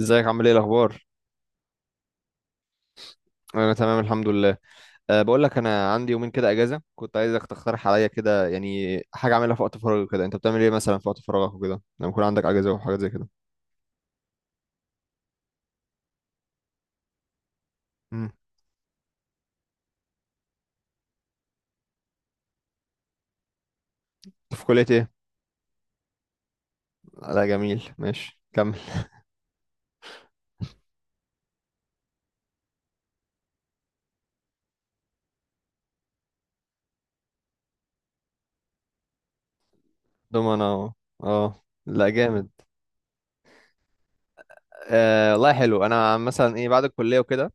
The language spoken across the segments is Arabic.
ازيك؟ عامل ايه؟ الاخبار؟ انا تمام الحمد لله. بقول لك، انا عندي يومين كده اجازه، كنت عايزك تقترح عليا كده يعني حاجه اعملها في وقت فراغي كده. انت بتعمل ايه مثلا في وقت فراغك وكده لما يكون عندك اجازه وحاجات زي كده؟ امم في كليه ايه؟ لا جميل، ماشي كمل. دومنا، اه. اه لا جامد. والله حلو. انا مثلا ايه بعد الكليه وكده؟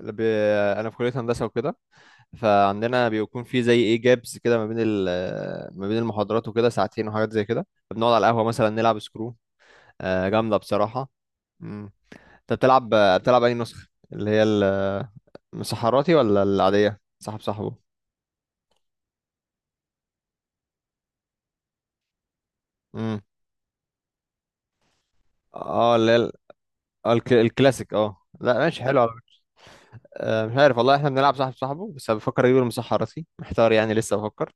ب... انا في كليه هندسه وكده، فعندنا بيكون في زي ايه جابس كده ما بين ال... ما بين المحاضرات وكده ساعتين وحاجات زي كده. بنقعد على القهوه مثلا نلعب سكرو. جامدة بصراحة. مم. انت بتلعب؟ بتلعب اي نسخة؟ اللي هي ال-، الصحراتي ولا العادية صاحب صاحبه؟ امم اه اللي هي ال-، الكلاسيك. اه لا ماشي، حلو على فكرة. مش عارف والله. احنا بنلعب صاحب صاحبه، بس أنا بفكر اجيب المصحراتي، محتار يعني لسه بفكر.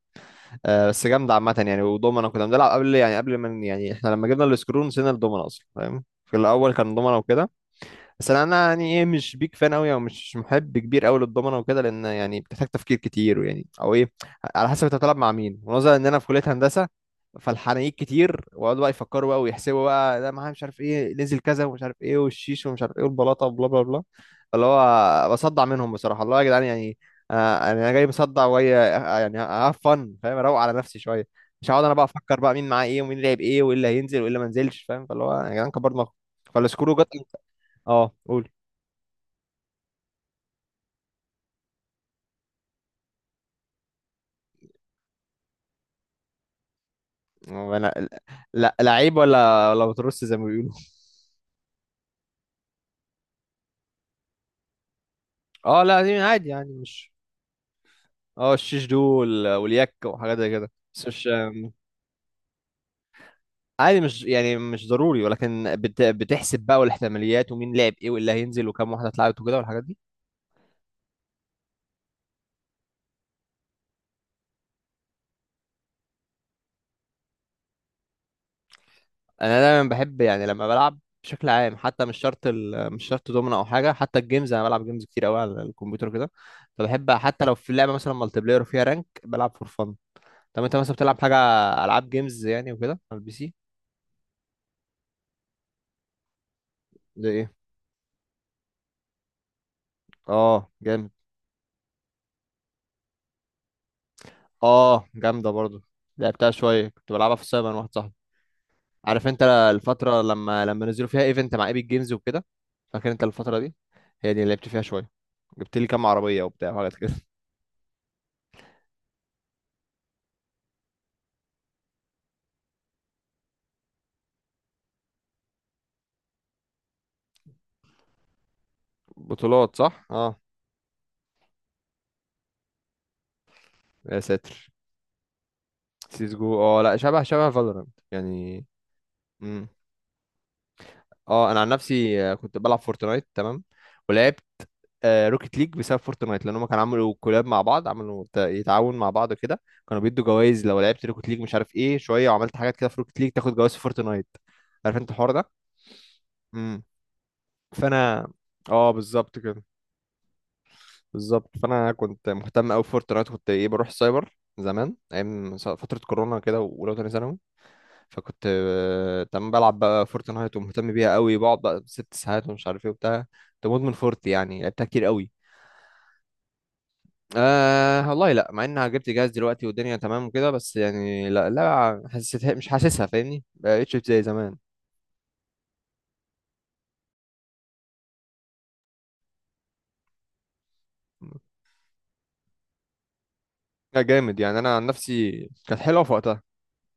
بس جامدة عامة يعني، ودومنا كنا بنلعب قبل. يعني قبل ما يعني احنا لما جبنا السكرون نسينا الدومنا اصلا، فاهم؟ في الاول كان دومنا وكده. بس انا أنا يعني ايه، مش بيك فان قوي او مش محب كبير قوي للضمنه وكده، لان يعني بتحتاج تفكير كتير ويعني او ايه، على حسب انت بتلعب مع مين. ونظرا ان انا في كليه هندسه فالحنايك كتير، ويقعدوا بقى يفكروا بقى ويحسبوا بقى، ده معاه مش عارف ايه، نزل كذا ومش عارف ايه، والشيش ومش عارف ايه، والبلاطه وبلا بلا بلا. اللي هو بصدع منهم بصراحه الله يا جدعان يعني. انا جاي مصدع وهي يعني هاف فن، فاهم؟ اروق على نفسي شويه، مش هقعد انا بقى افكر بقى مين معاه ايه ومين لعب ايه وايه اللي هينزل وايه اللي ما نزلش، فاهم؟ فاللي هو يا جدعان كبرنا، فالسكرو جت. اه قول. هو انا لا لعيب ولا بترص زي ما بيقولوا. اه لا، دي عادي يعني مش. اه الشيش دول واليك وحاجات زي كده، بس مش. عادي، مش يعني مش ضروري، ولكن بت... بتحسب بقى والاحتماليات، ومين لعب ايه واللي هينزل وكام واحده اتلعبت وكده والحاجات دي. انا دايما بحب يعني لما بلعب بشكل عام، حتى مش شرط ال... مش شرط دومنا او حاجه، حتى الجيمز انا بلعب جيمز كتير قوي على الكمبيوتر كده، فبحب حتى لو في لعبه مثلا مالتي بلاير وفيها رانك بلعب فور فن. طب انت مثلا بتلعب حاجه؟ العاب جيمز يعني وكده على البي سي؟ زي ايه؟ اه جامد. اه جامده برضو. لعبتها شويه، كنت بلعبها في السايبر مع واحد صاحبي. عارف انت الفتره لما نزلوا فيها ايفنت مع ايبك جيمز وكده؟ فاكر انت الفتره دي؟ هي دي اللي لعبت فيها شويه، جبت لي كام عربيه وبتاع وحاجات كده. بطولات، صح اه. يا ساتر. سيس جو، اه لا شبه شبه فالورانت يعني. مم. اه انا عن نفسي كنت بلعب فورتنايت، تمام، ولعبت روكيت ليج بسبب فورتنايت، لان هم كانوا عملوا كولاب مع بعض، عملوا يتعاون مع بعض كده. كانوا بيدوا جوائز لو لعبت روكيت ليج مش عارف ايه شويه، وعملت حاجات كده في روكيت ليج تاخد جوائز في فورتنايت. عارف انت الحوار ده؟ امم فانا اه بالظبط كده. بالظبط، فانا كنت مهتم قوي بفورتنايت. كنت ايه، بروح السايبر زمان ايام فتره كورونا كده، واولى وتانية ثانوي. فكنت تمام، بلعب بقى فورتنايت ومهتم بيها قوي، بقعد بقى ست ساعات ومش عارف ايه وبتاع. كنت مدمن فورت، يعني لعبتها كتير قوي. والله لا، مع اني جبت جهاز دلوقتي والدنيا تمام وكده، بس يعني لا حسيتها مش حاسسها، فاهمني؟ بقتش زي زمان. لا جامد، يعني انا عن نفسي كانت حلوه في وقتها،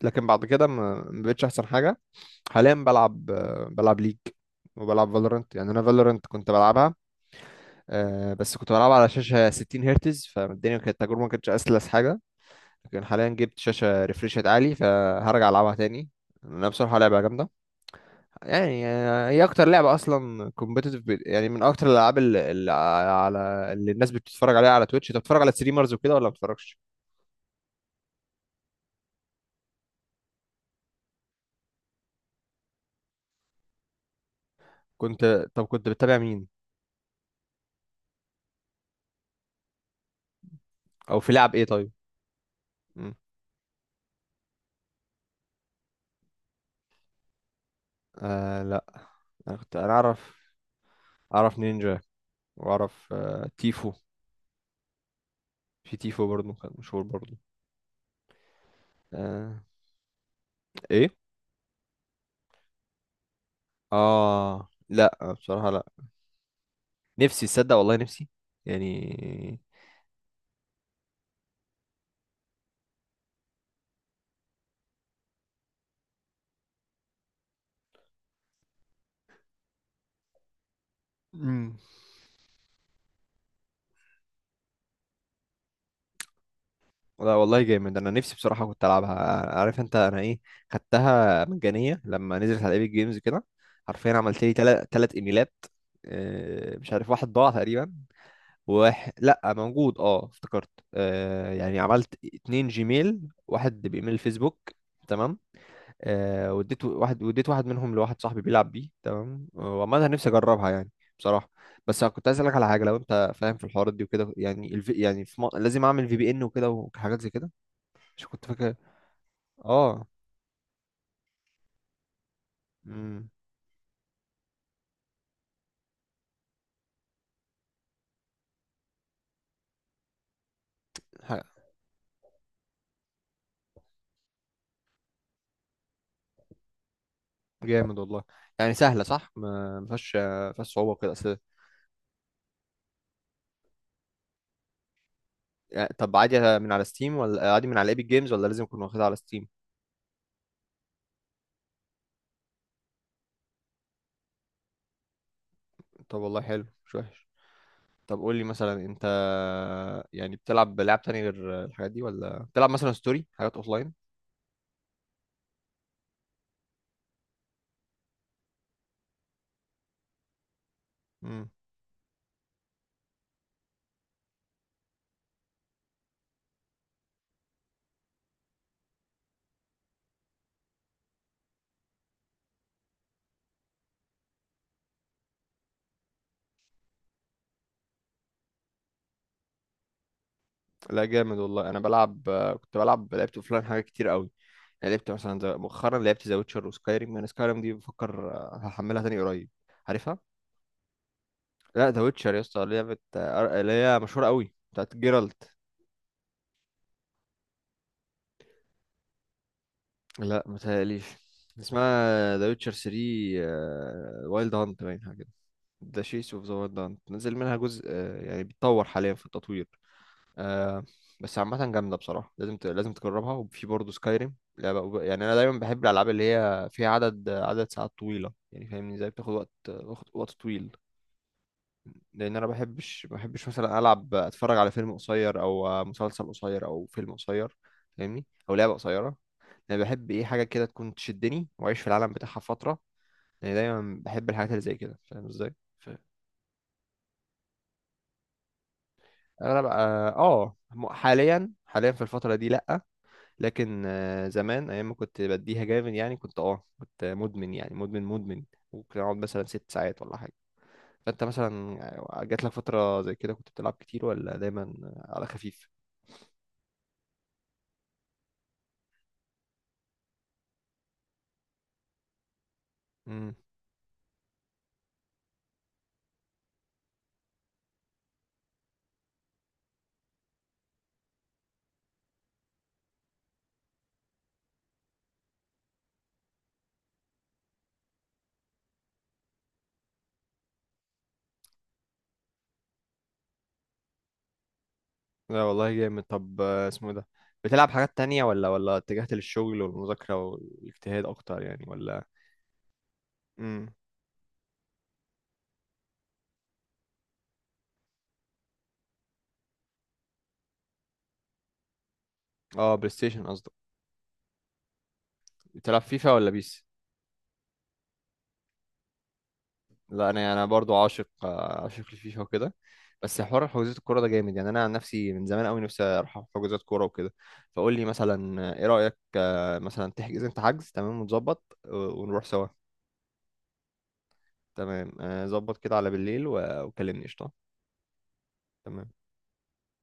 لكن بعد كده ما بقتش احسن حاجه. حاليا بلعب بلعب ليج، وبلعب فالورنت. يعني انا فالورنت كنت بلعبها، بس كنت بلعبها على شاشه 60 هرتز، فالدنيا كانت التجربه ما كانتش اسلس حاجه. لكن حاليا جبت شاشة ريفريشات عالي، فهرجع ألعبها تاني. أنا بصراحة لعبة جامدة، يعني هي أكتر لعبة أصلا كومبيتيتيف يعني. من أكتر الألعاب اللي على، اللي الناس بتتفرج عليها على تويتش. أنت بتتفرج على ستريمرز وكده ولا ما بتتفرجش؟ كنت، طب كنت بتتابع مين؟ أو في لعب إيه طيب؟ مم. آه لا. أنا كنت أعرف. أعرف نينجا، وأعرف آه تيفو. في تيفو برضه كان مشهور برضه. آه. إيه؟ آه لا بصراحة لا، نفسي تصدق والله نفسي يعني. امم لا والله جامد، انا نفسي بصراحه كنت العبها. عارف انت انا ايه؟ خدتها مجانيه لما نزلت على ايبك جيمز كده. حرفيا عملت لي تلات ايميلات. مش عارف، واحد ضاع تقريبا، واحد لا موجود. اه افتكرت، يعني عملت اتنين جيميل، واحد بايميل فيسبوك، تمام. وديت واحد، وديت واحد منهم لواحد صاحبي بيلعب بيه، تمام. وعامة نفسي اجربها يعني، بصراحة. بس أنا كنت عايز اسألك على حاجة، لو انت فاهم في الحوارات دي وكده. يعني الفي يعني في م... لازم اعمل في بي ان وكده وحاجات زي كده، مش كنت فاكر. اه. امم ح-. جامد والله. يعني سهلة صح، ما فيهاش، ما فيهاش صعوبة وكده اصل. يعني طب عادي من على ستيم، ولا عادي من على ايبك جيمز، ولا لازم اكون واخدها على ستيم؟ طب والله حلو، مش وحش. طب قول لي مثلا انت يعني بتلعب لعب تاني غير الحاجات دي، ولا بتلعب مثلا ستوري حاجات اوفلاين؟ مم. لا جامد والله، انا بلعب كنت بلعب، لعبت اوفلاين حاجات كتير قوي. انا لعبت مثلا مؤخرا لعبت ذا ويتشر وسكايريم. انا سكايريم دي بفكر هحملها تاني قريب. عارفها؟ لا ذا ويتشر يا اسطى لعبه اللي هي مشهوره قوي بتاعت جيرالت. لا متهيأليش. اسمها ذا ويتشر 3 وايلد هانت، باين حاجه كده. ذا شيس اوف ذا وايلد هانت، نزل منها جزء يعني بيتطور حاليا في التطوير. آه. بس عامة جامدة بصراحة، لازم ت... لازم تجربها. وفي برضه سكايريم لعبة يعني أنا دايما بحب الألعاب اللي هي فيها عدد ساعات طويلة، يعني فاهمني؟ زي بتاخد وقت طويل. لأن أنا بحبش مثلا ألعب، أتفرج على فيلم قصير أو مسلسل قصير أو فيلم قصير، فاهمني؟ أو لعبة قصيرة. أنا بحب إيه، حاجة كده تكون تشدني وأعيش في العالم بتاعها فترة. يعني دايما بحب الحاجات اللي زي كده، فاهم إزاي؟ ف- أغلب، آه، آه، حاليا، حاليا في الفترة دي لأ. لكن زمان ايام ما كنت بديها جامد يعني، كنت اه كنت مدمن، يعني مدمن. ممكن اقعد مثلا ست ساعات ولا حاجه. فانت مثلا جات لك فتره زي كده كنت بتلعب كتير، ولا دايما على خفيف؟ امم لا والله جامد. طب اسمه ده، بتلعب حاجات تانية ولا اتجهت للشغل والمذاكره والاجتهاد اكتر يعني، ولا؟ امم اه بلاي ستيشن قصدك. بتلعب فيفا ولا بيس؟ لا انا برضو عاشق، عاشق للفيفا وكده. بس حوار حجوزات الكوره ده جامد، يعني انا عن نفسي من زمان قوي نفسي اروح حجوزات كوره وكده. فقول لي مثلا ايه رايك مثلا تحجز انت حجز، تمام، ونظبط ونروح سوا. تمام. ظبط كده على بالليل وكلمني قشطه. تمام.